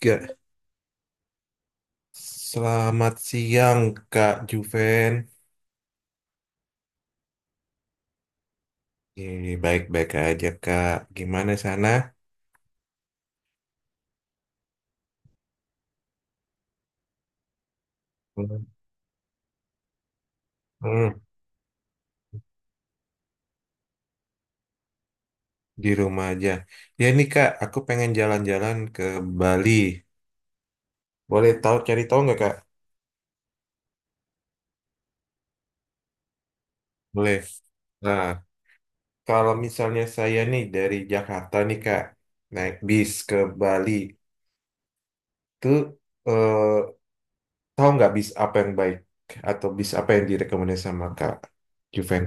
Gak, selamat siang Kak Juven. Baik-baik aja Kak. Gimana sana? Hmm, hmm, di rumah aja. Ya nih Kak, aku pengen jalan-jalan ke Bali. Boleh tahu cari tahu nggak Kak? Boleh. Nah, kalau misalnya saya nih dari Jakarta nih Kak, naik bis ke Bali, tuh eh, tahu nggak bis apa yang baik atau bis apa yang direkomendasikan sama Kak Juven?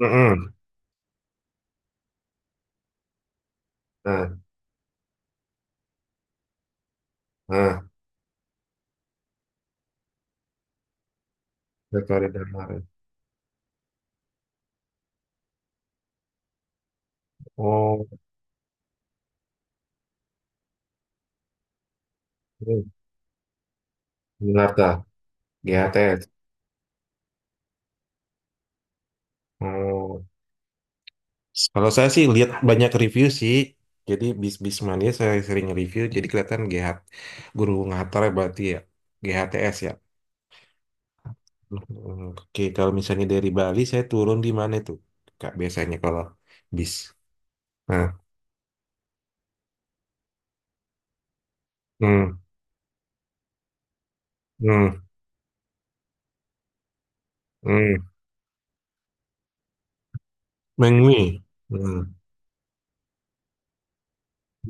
Mm-mm. Nah, nah. Retori Damar. Oh, Yunarta, GHTS. Oh. Kalau saya sih lihat banyak review sih. Jadi bis-bis mania saya sering review. Jadi kelihatan GH guru Ngatar ya berarti ya. GHTS ya. Hmm, oke, kalau misalnya dari Bali saya turun di mana tuh? Kak biasanya kalau bis. Nah, hmm, hmm, hmm. Mengwi. Hmm,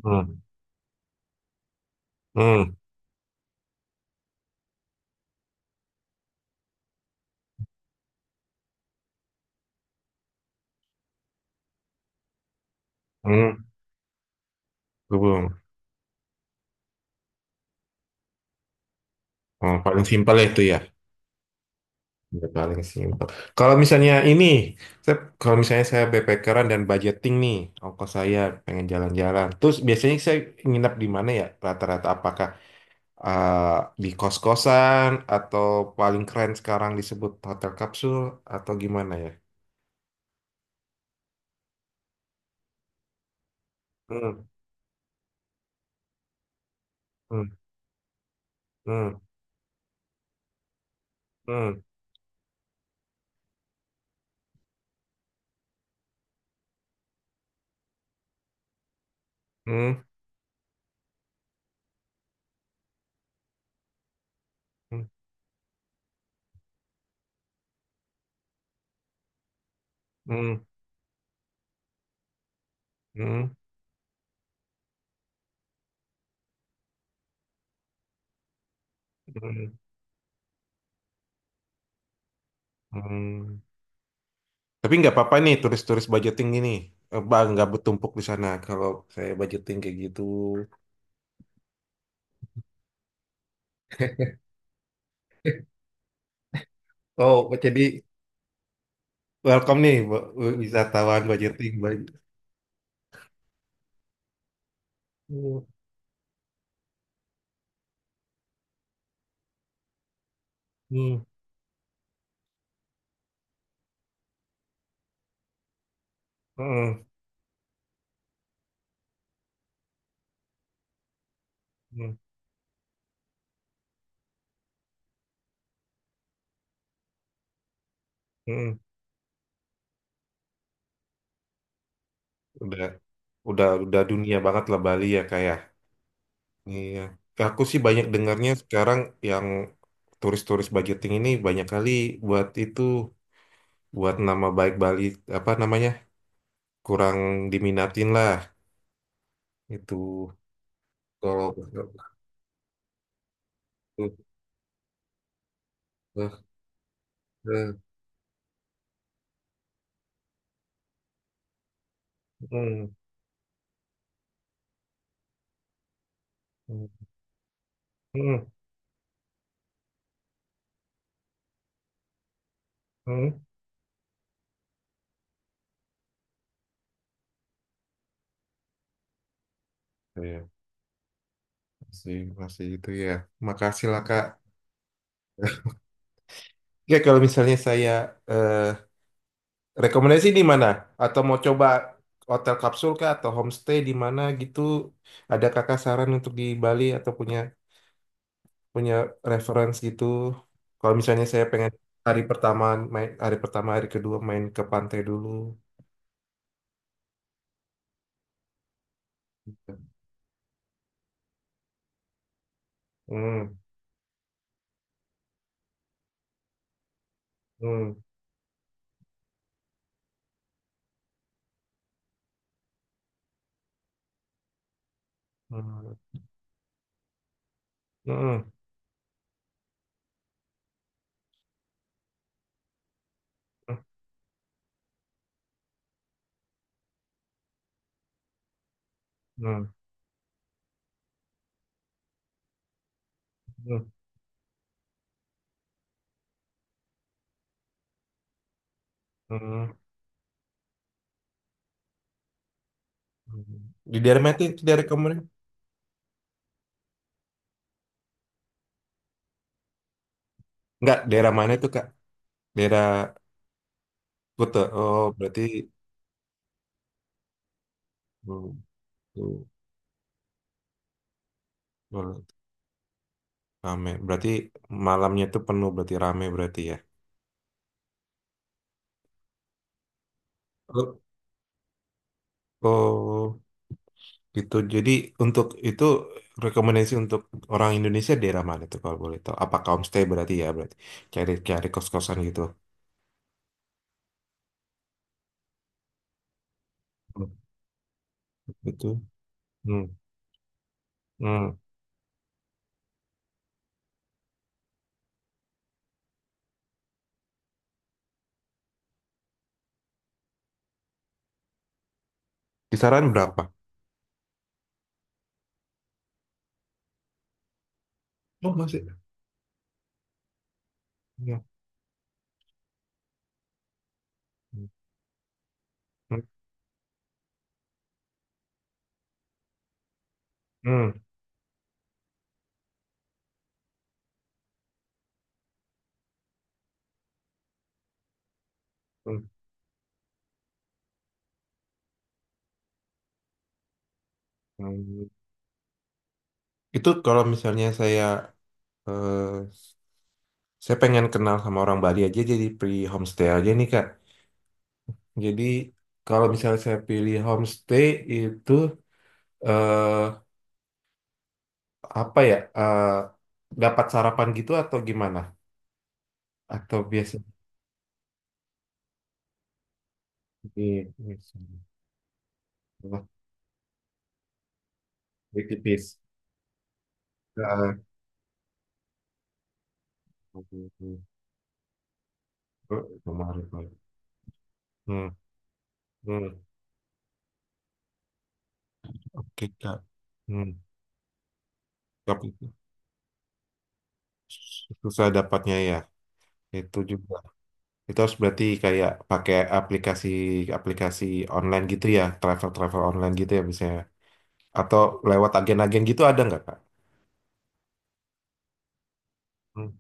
hmm, hmm, hmm. Gubeng. Oh, paling simpel ya itu ya. Ya, paling simpel. Kalau misalnya ini, saya, kalau misalnya saya backpackeran dan budgeting nih, ongkos saya pengen jalan-jalan. Terus biasanya saya nginap di mana ya? Rata-rata apakah eh, di kos-kosan atau paling keren sekarang disebut hotel kapsul atau gimana ya? Hmm, hmm, hmm, hmm, hmm, hmm, hmm, hmm, hmm, hmm. Tapi nggak apa-apa nih turis-turis budgeting gini. Eh, Bang, nggak bertumpuk di sana kalau saya budgeting kayak gitu. Oh, jadi welcome nih wisatawan budgeting. Bud- hmm, hmm, hmm, hmm, hmm. Udah udah dunia banget lah Bali ya kayak. Iya. Aku sih banyak dengarnya sekarang yang turis-turis budgeting ini banyak kali buat itu buat nama baik Bali apa namanya kurang diminatin lah itu kalau hmm, hmm, hmm. Iya, masih masih itu ya. Makasih lah Kak. Ya, kalau misalnya saya eh, rekomendasi di mana? Atau mau coba hotel kapsul kah atau homestay di mana gitu? Ada kakak saran untuk di Bali atau punya punya reference gitu? Kalau misalnya saya pengen hari pertama main hari pertama hari kedua main ke pantai dulu. Hmm, hmm, hmm, hmm, hmm, hmm, hmm, hmm. Di daerah mana itu daerah kamu? Enggak, daerah mana itu Kak? Daerah Kuta. Oh, berarti. Hmm, hmm, boleh. Rame. Berarti malamnya tuh penuh berarti rame berarti ya. Oh, oh, gitu. Jadi untuk itu rekomendasi untuk orang Indonesia daerah mana tuh kalau boleh tahu? Apa homestay berarti ya berarti cari cari kos-kosan gitu. Hmm, gitu. Hmm. Hmm. Kisaran berapa? Oh, masih. Ya. Hmm. Hmm. Hmm. Hmm. Itu kalau misalnya saya eh, saya pengen kenal sama orang Bali aja jadi pre homestay aja nih Kak. Jadi kalau misalnya saya pilih homestay itu eh, apa ya dapat sarapan gitu atau gimana? Atau biasa ini biasa- wah, tipis. Eh, kemarin Pak. Hmm, hmm. Oke Kak. Hmm. Tapi susah dapatnya ya. Itu juga. Itu harus berarti kayak pakai aplikasi aplikasi online gitu ya, travel travel online gitu ya misalnya. Atau lewat agen-agen gitu ada nggak Kak? Hmm.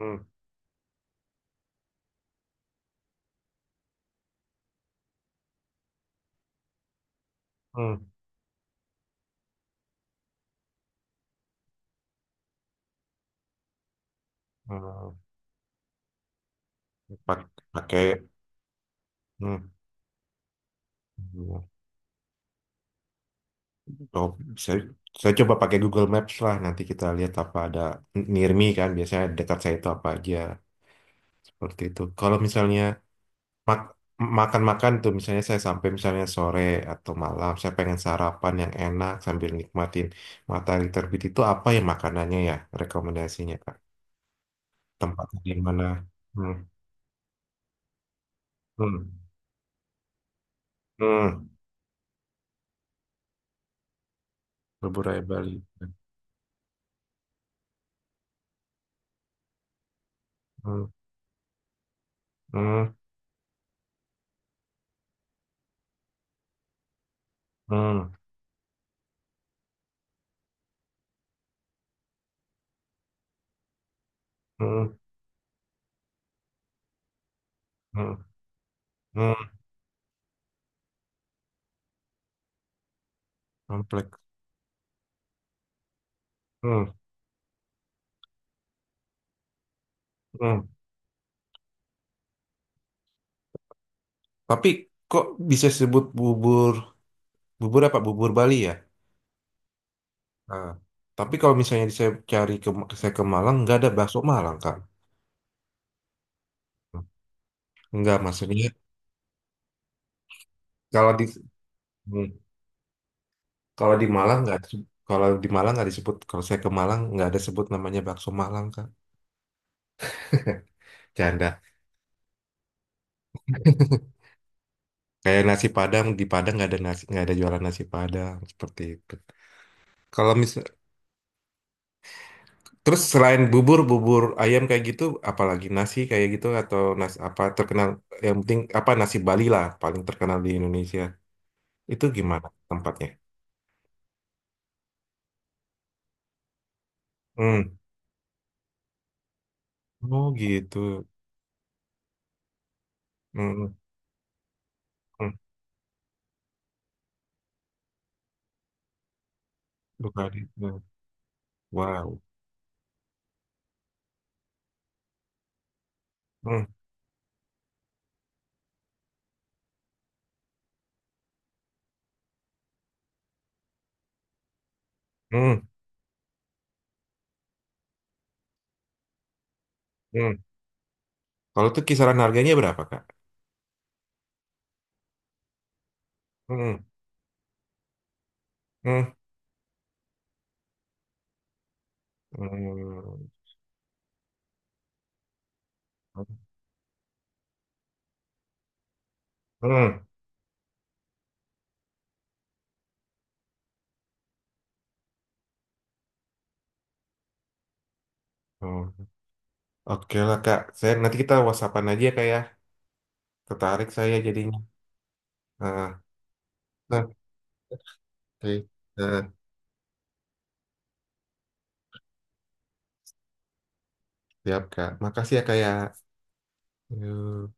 Hmm, hmm, hmm. Pak- pakai, hmm, hmm. Oh, saya, saya coba pakai Google Maps lah. Nanti kita lihat apa ada near me kan. Biasanya dekat saya itu apa aja seperti itu. Kalau misalnya mak- makan-makan tuh, misalnya saya sampai misalnya sore atau malam, saya pengen sarapan yang enak sambil nikmatin matahari terbit itu apa ya makanannya ya rekomendasinya Kak? Tempatnya di mana? Hmm, hmm, hmm. Bubur ayam Bali. Hmm, hmm, hmm. Hmm. Hmm, hmm, komplek. Hmm, hmm. Tapi kok bisa sebut bubur bubur apa bubur Bali ya? Nah, tapi kalau misalnya saya ke Malang nggak ada bakso Malang kan? Nggak maksudnya kalau di hmm, kalau di Malang nggak ada se- kalau di Malang nggak disebut kalau saya ke Malang nggak ada sebut namanya bakso Malang kan? Canda. Kayak nasi Padang di Padang nggak ada jualan nasi Padang seperti itu. Kalau mis terus selain bubur ayam kayak gitu, apalagi nasi kayak gitu atau nasi apa terkenal yang penting apa nasi Bali lah paling terkenal di Indonesia. Itu gimana tempatnya? Hmm. Oh gitu. Hmm. Hmm. Buka di- hmm. Wow. Hmm. Hmm. Hmm. Kalau itu kisaran harganya berapa, Kak? Hmm. Hmm. Hmm. Hmm. Hmm. Oke lah, Kak. Saya nanti kita WhatsAppan aja Kak ya. Tertarik saya jadinya. Ah, ah, oke. Eh, siap, Kak. Makasih ya, Kak ya. Uhh.